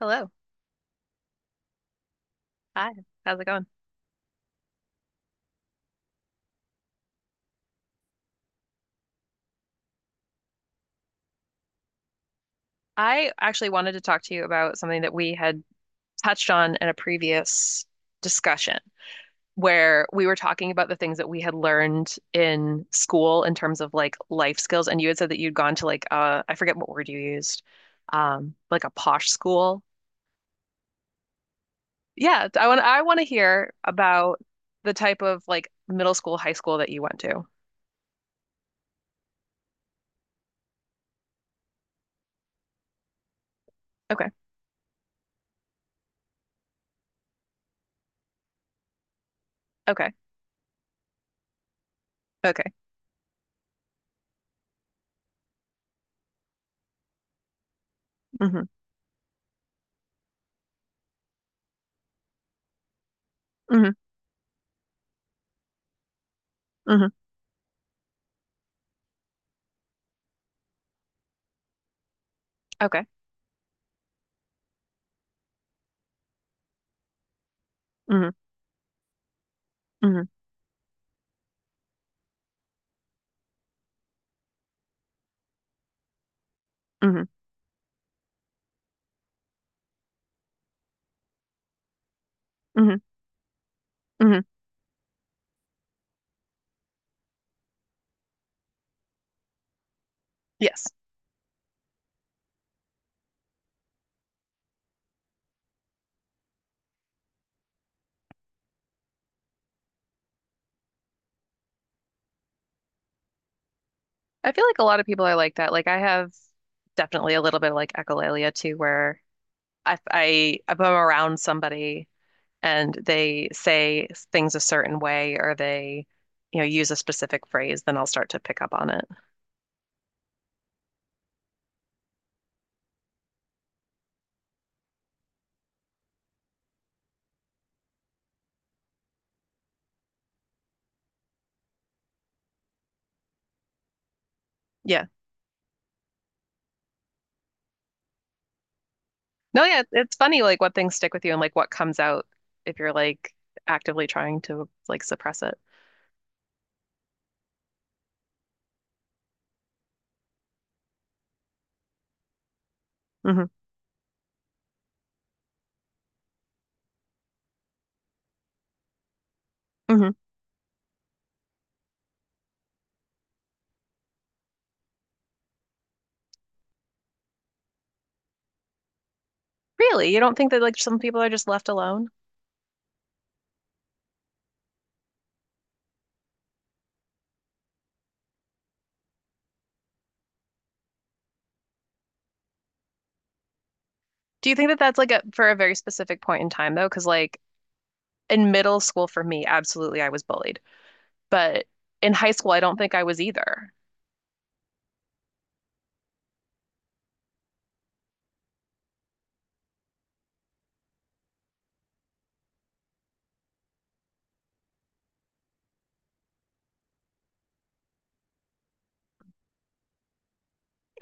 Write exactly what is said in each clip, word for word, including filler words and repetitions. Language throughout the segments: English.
Hello. Hi. How's it going? I actually wanted to talk to you about something that we had touched on in a previous discussion where we were talking about the things that we had learned in school in terms of like life skills. And you had said that you'd gone to like uh I forget what word you used, um, like a posh school. Yeah, I want I want to hear about the type of like middle school, high school that you went to. Okay. Okay. Okay. Mm-hmm. Mm-hmm. Mm-hmm. Okay. Mm-hmm. Mm-hmm. Mm-hmm. Mm-hmm. Mm-hmm. Yes. I feel like a lot of people are like that. Like I have definitely a little bit of like echolalia too, where I, I if I'm around somebody and they say things a certain way or they, you know, use a specific phrase, then I'll start to pick up on it. Yeah. No, yeah, it's funny like what things stick with you and like what comes out if you're like actively trying to like suppress it. Hmm. Hmm. Really? You don't think that like some people are just left alone? Do you think that that's like a for a very specific point in time though? Because like in middle school for me, absolutely, I was bullied. But in high school, I don't think I was either.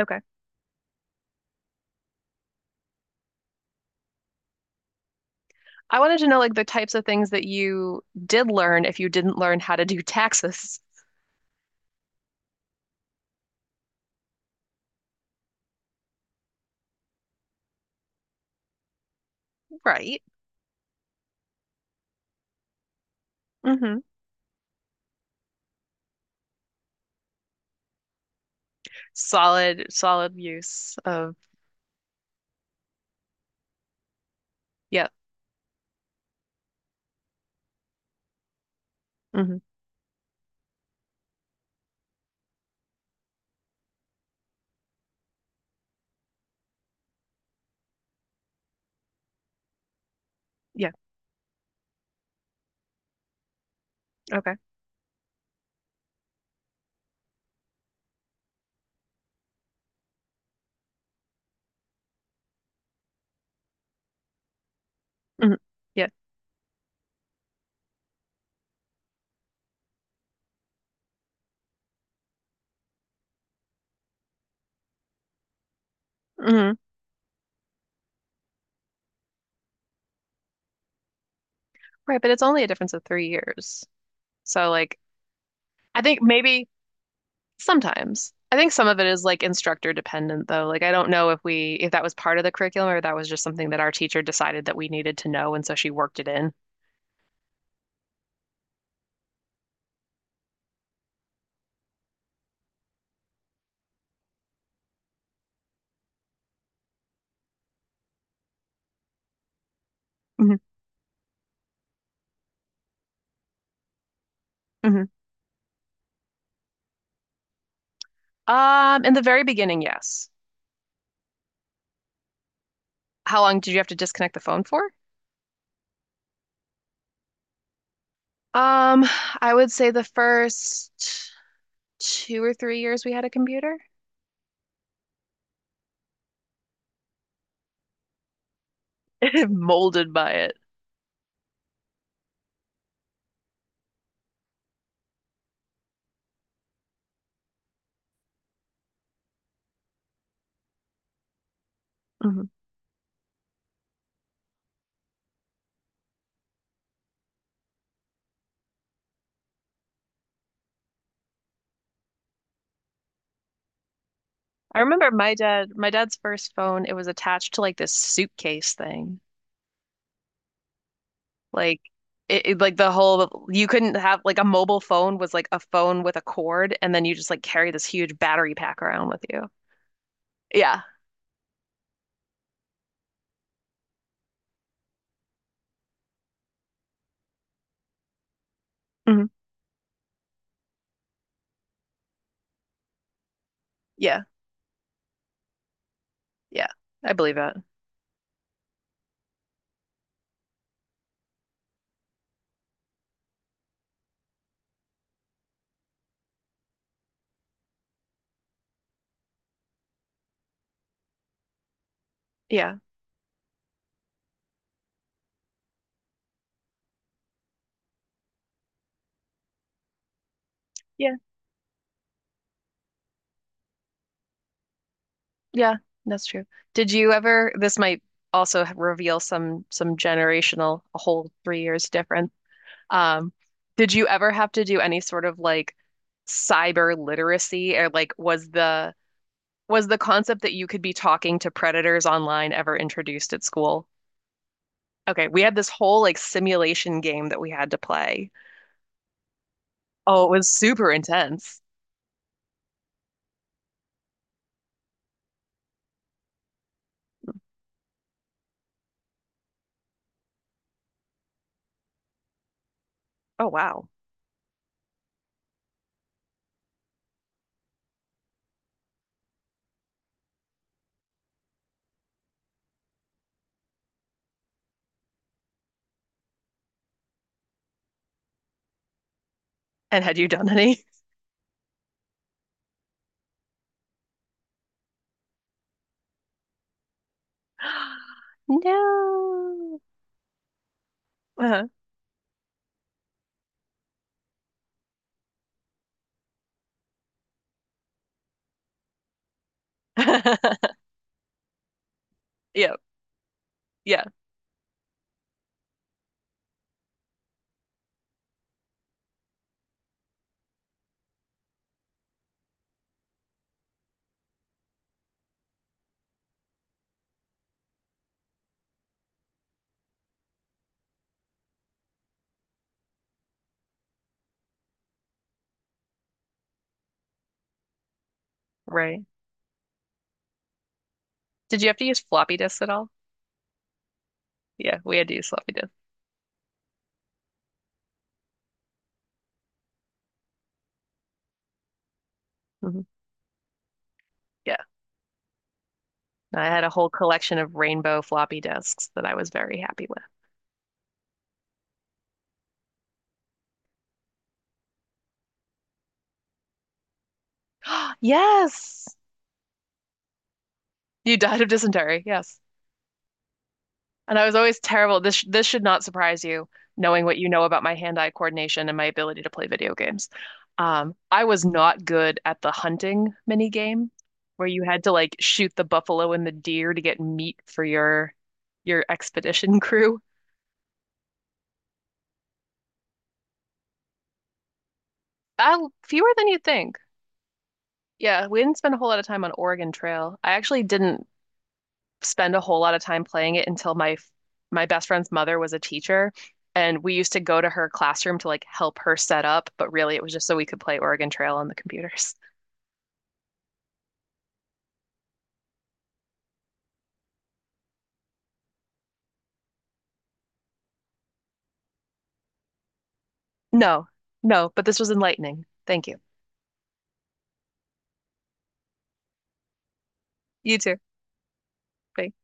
Okay. I wanted to know like the types of things that you did learn if you didn't learn how to do taxes. Right. Mm-hmm. Solid, solid use of yeah. Hmm. Yeah. Okay. Hmm. Yeah. Hmm. Right, but it's only a difference of three years. So like I think maybe sometimes. I think some of it is like instructor dependent though. Like I don't know if we if that was part of the curriculum or that was just something that our teacher decided that we needed to know and so she worked it in. Hmm. Hmm. Um, in the very beginning, yes. How long did you have to disconnect the phone for? Um, I would say the first two or three years we had a computer, molded by it. Hmm. I remember my dad, my dad's first phone, it was attached to like this suitcase thing. Like it, it- like the whole you couldn't have like a mobile phone was like a phone with a cord and then you just like carry this huge battery pack around with you. Yeah. Mhm. Yeah. Yeah. I believe it. Yeah. Yeah. Yeah. That's true. Did you ever this might also reveal some some generational a whole three years difference. Um did you ever have to do any sort of like cyber literacy or like was the was the concept that you could be talking to predators online ever introduced at school? Okay, we had this whole like simulation game that we had to play. Oh, it was super intense. Oh, wow. And had you done any? No. Uh-huh. Yeah, yeah, right. Did you have to use floppy disks at all? Yeah, we had to use floppy disks. Hmm. Yeah. I had a whole collection of rainbow floppy disks that I was very happy with. Yes. You died of dysentery. Yes. And I was always terrible. This sh- this should not surprise you, knowing what you know about my hand-eye coordination and my ability to play video games. Um, I was not good at the hunting mini game where you had to like shoot the buffalo and the deer to get meat for your your expedition crew. Uh, fewer than you'd think. Yeah, we didn't spend a whole lot of time on Oregon Trail. I actually didn't spend a whole lot of time playing it until my my best friend's mother was a teacher and we used to go to her classroom to like help her set up, but really it was just so we could play Oregon Trail on the computers. No, no, but this was enlightening. Thank you. You too. Thanks.